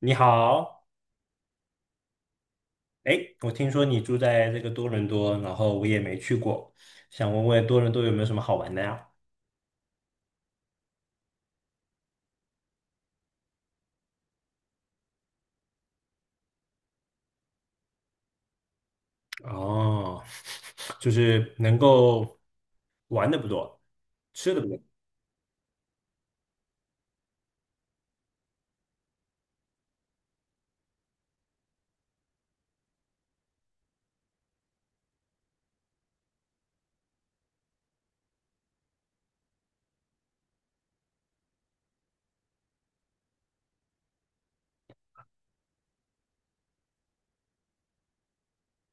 你好，哎，我听说你住在这个多伦多，然后我也没去过，想问问多伦多有没有什么好玩的呀？哦，就是能够玩的不多，吃的不多。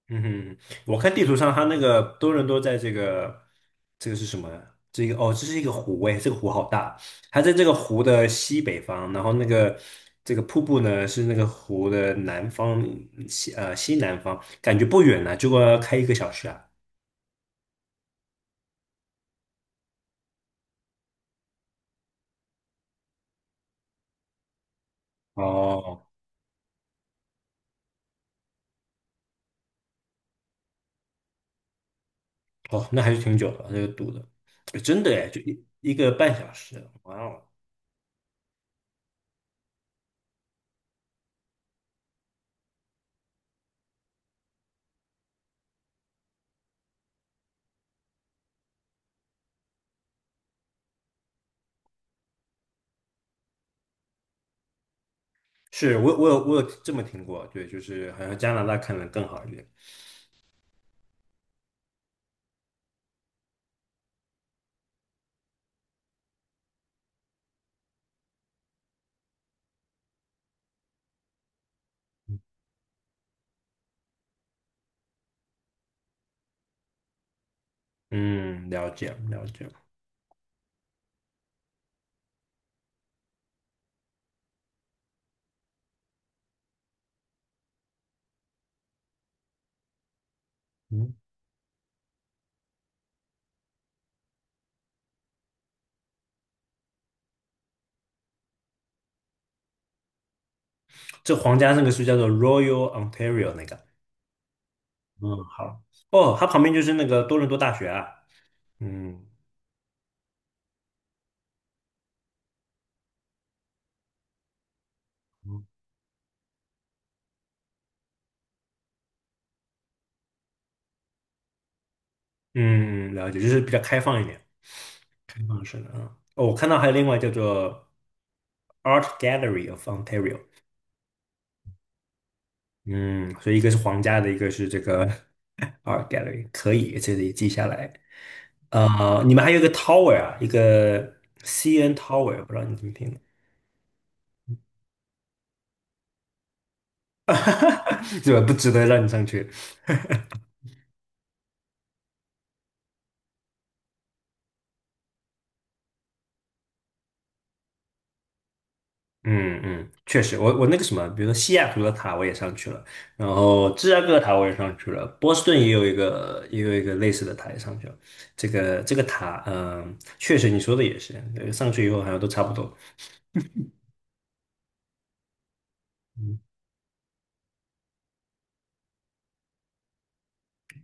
嗯哼，我看地图上它那个多伦多在这个是什么呀这个哦，这是一个湖哎，这个湖好大，它在这个湖的西北方，然后那个这个瀑布呢是那个湖的南方西南方，感觉不远呢，结果要开一个小时啊。哦，哦，那还是挺久的，那个堵的，哎真的哎，就一个半小时，哇哦！是我有这么听过，对，就是好像加拿大可能更好一点。嗯，了解了解。嗯，这皇家那个是叫做 Royal Ontario 那个。嗯，好。哦，它旁边就是那个多伦多大学啊。嗯嗯，嗯了解，就是比较开放一点，开放式的啊。哦，我看到还有另外叫做 Art Gallery of Ontario。嗯，所以一个是皇家的，一个是这个 Art Gallery，可以，这里记下来。你们还有一个 Tower 啊，一个 CN Tower，不知道你怎么听的，这个不值得让你上去。嗯嗯，确实，我那个什么，比如说西雅图的塔我也上去了，然后芝加哥的塔我也上去了，波士顿也有一个类似的塔也上去了。这个这个塔，嗯、确实你说的也是，上去以后好像都差不多。嗯，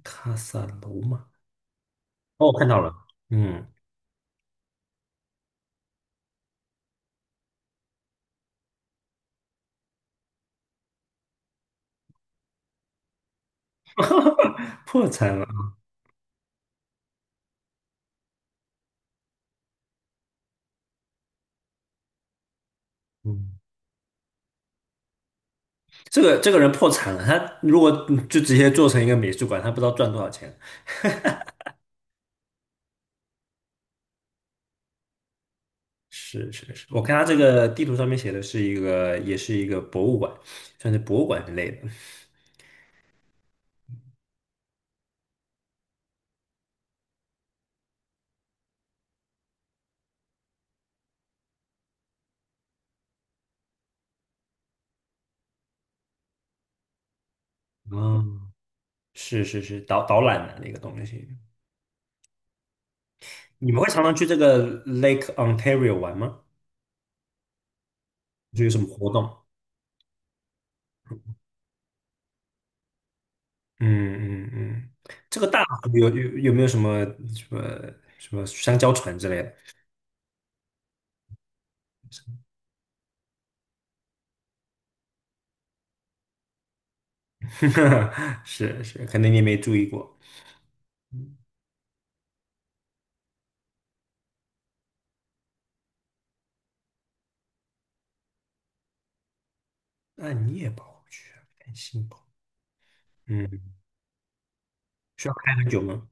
卡萨罗嘛，哦，我看到了。嗯。破产了，嗯，这个人破产了，他如果就直接做成一个美术馆，他不知道赚多少钱。是是是，我看他这个地图上面写的是一个，也是一个博物馆，算是博物馆之类的。嗯，是是是，导览的那个东西。你们会常常去这个 Lake Ontario 玩吗？就有什么活动？嗯嗯嗯，这个大湖有没有什么什么什么香蕉船之类的？是是，可能你没注意过。那你也跑不去，很辛苦。嗯，需要开很久吗？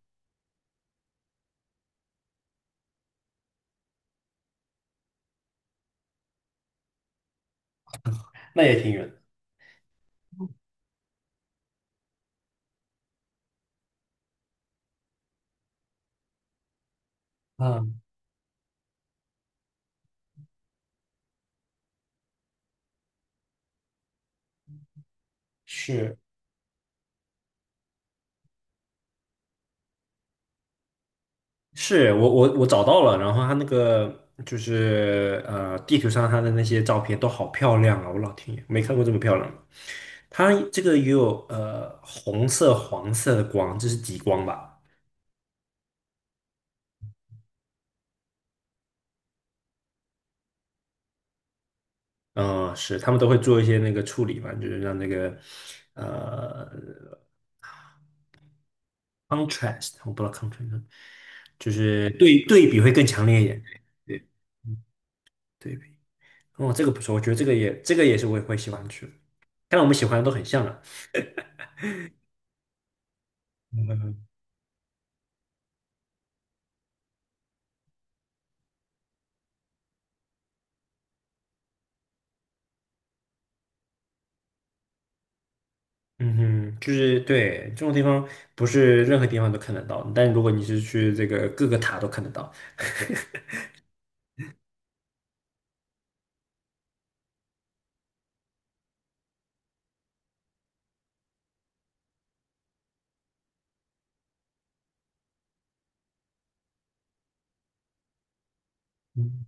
那也挺远的。啊，是是，我找到了，然后他那个就是地图上他的那些照片都好漂亮啊！我老天爷，没看过这么漂亮的。它这个也有红色、黄色的光，这是极光吧？嗯、是，他们都会做一些那个处理嘛，就是让那个呃 contrast，我不知道 contrast，就是对比会更强烈一点。对。对比，哦，这个不错，我觉得这个也是我也会喜欢去的。看来我们喜欢的都很像啊。嗯，嗯哼，就是对这种地方不是任何地方都看得到，但如果你是去这个各个塔都看得到。嗯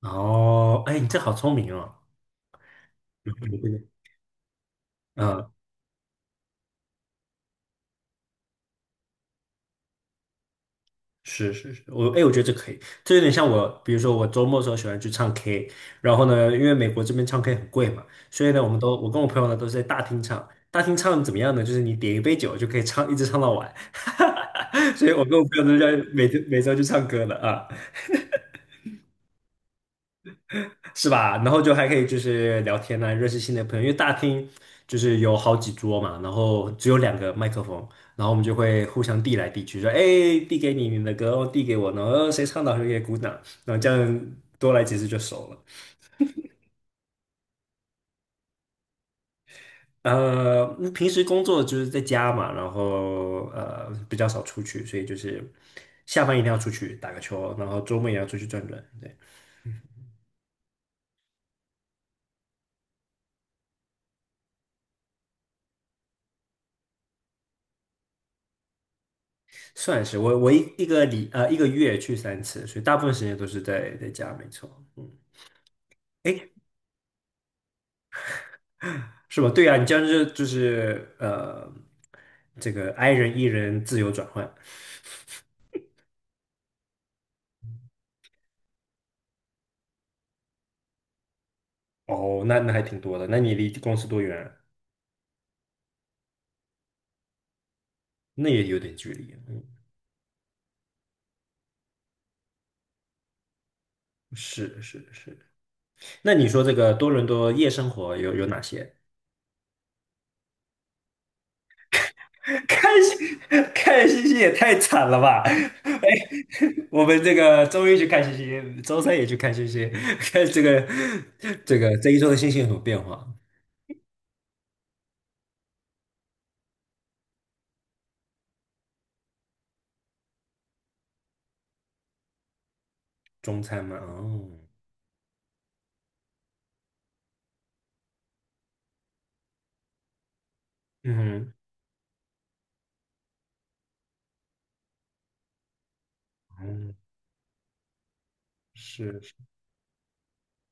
哦，哎，你这好聪明哦。嗯有这个是是是，我哎，我觉得这可以，这有点像我，比如说我周末的时候喜欢去唱 K，然后呢，因为美国这边唱 K 很贵嘛，所以呢，我们都我跟我朋友呢都是在大厅唱，大厅唱怎么样呢？就是你点一杯酒就可以唱，一直唱到晚，所以我跟我朋友都在每周去唱歌了啊。是吧？然后就还可以就是聊天啊，认识新的朋友。因为大厅就是有好几桌嘛，然后只有两个麦克风，然后我们就会互相递来递去，说哎，递给你你的歌，哦递给我，然后谁唱的好谁给鼓掌，然后这样多来几次就熟了。呃，平时工作就是在家嘛，然后比较少出去，所以就是下班一定要出去打个球，然后周末也要出去转转。对，算是我一个月去三次，所以大部分时间都是在家，没错。嗯。哎，是吧？对啊，你这样就是这个 i 人 e 人自由转换。哦，那还挺多的。那你离公司多远啊那也有点距离。嗯，是是是。那你说这个多伦多夜生活有哪些？看星看星星也太惨了吧！哎，我们这个周一去看星星，周三也去看星星，看这个这一周的星星有什么变化？中餐嘛，哦，嗯哼嗯，是。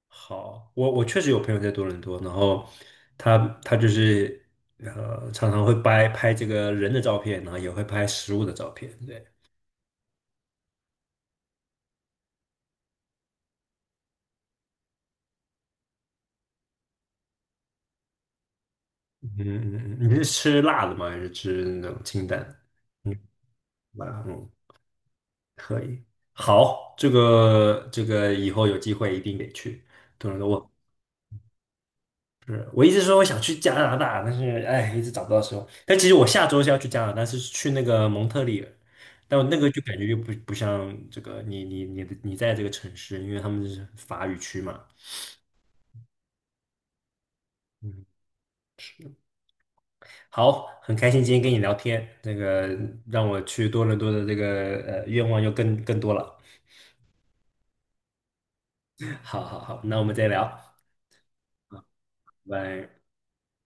好，我确实有朋友在多伦多，然后他他就是常常会拍拍这个人的照片，然后也会拍食物的照片。对，嗯嗯嗯，你是吃辣的吗？还是吃那种清淡？嗯，辣，嗯，可以。好，这个以后有机会一定得去多伦多。我是我一直说我想去加拿大，但是哎，一直找不到时候。但其实我下周是要去加拿大，是去那个蒙特利尔，但我那个就感觉又不像这个你在这个城市，因为他们是法语区嘛。嗯，好，很开心今天跟你聊天，那个让我去多伦多的这个愿望又更多了。好好好，那我们再聊，拜拜。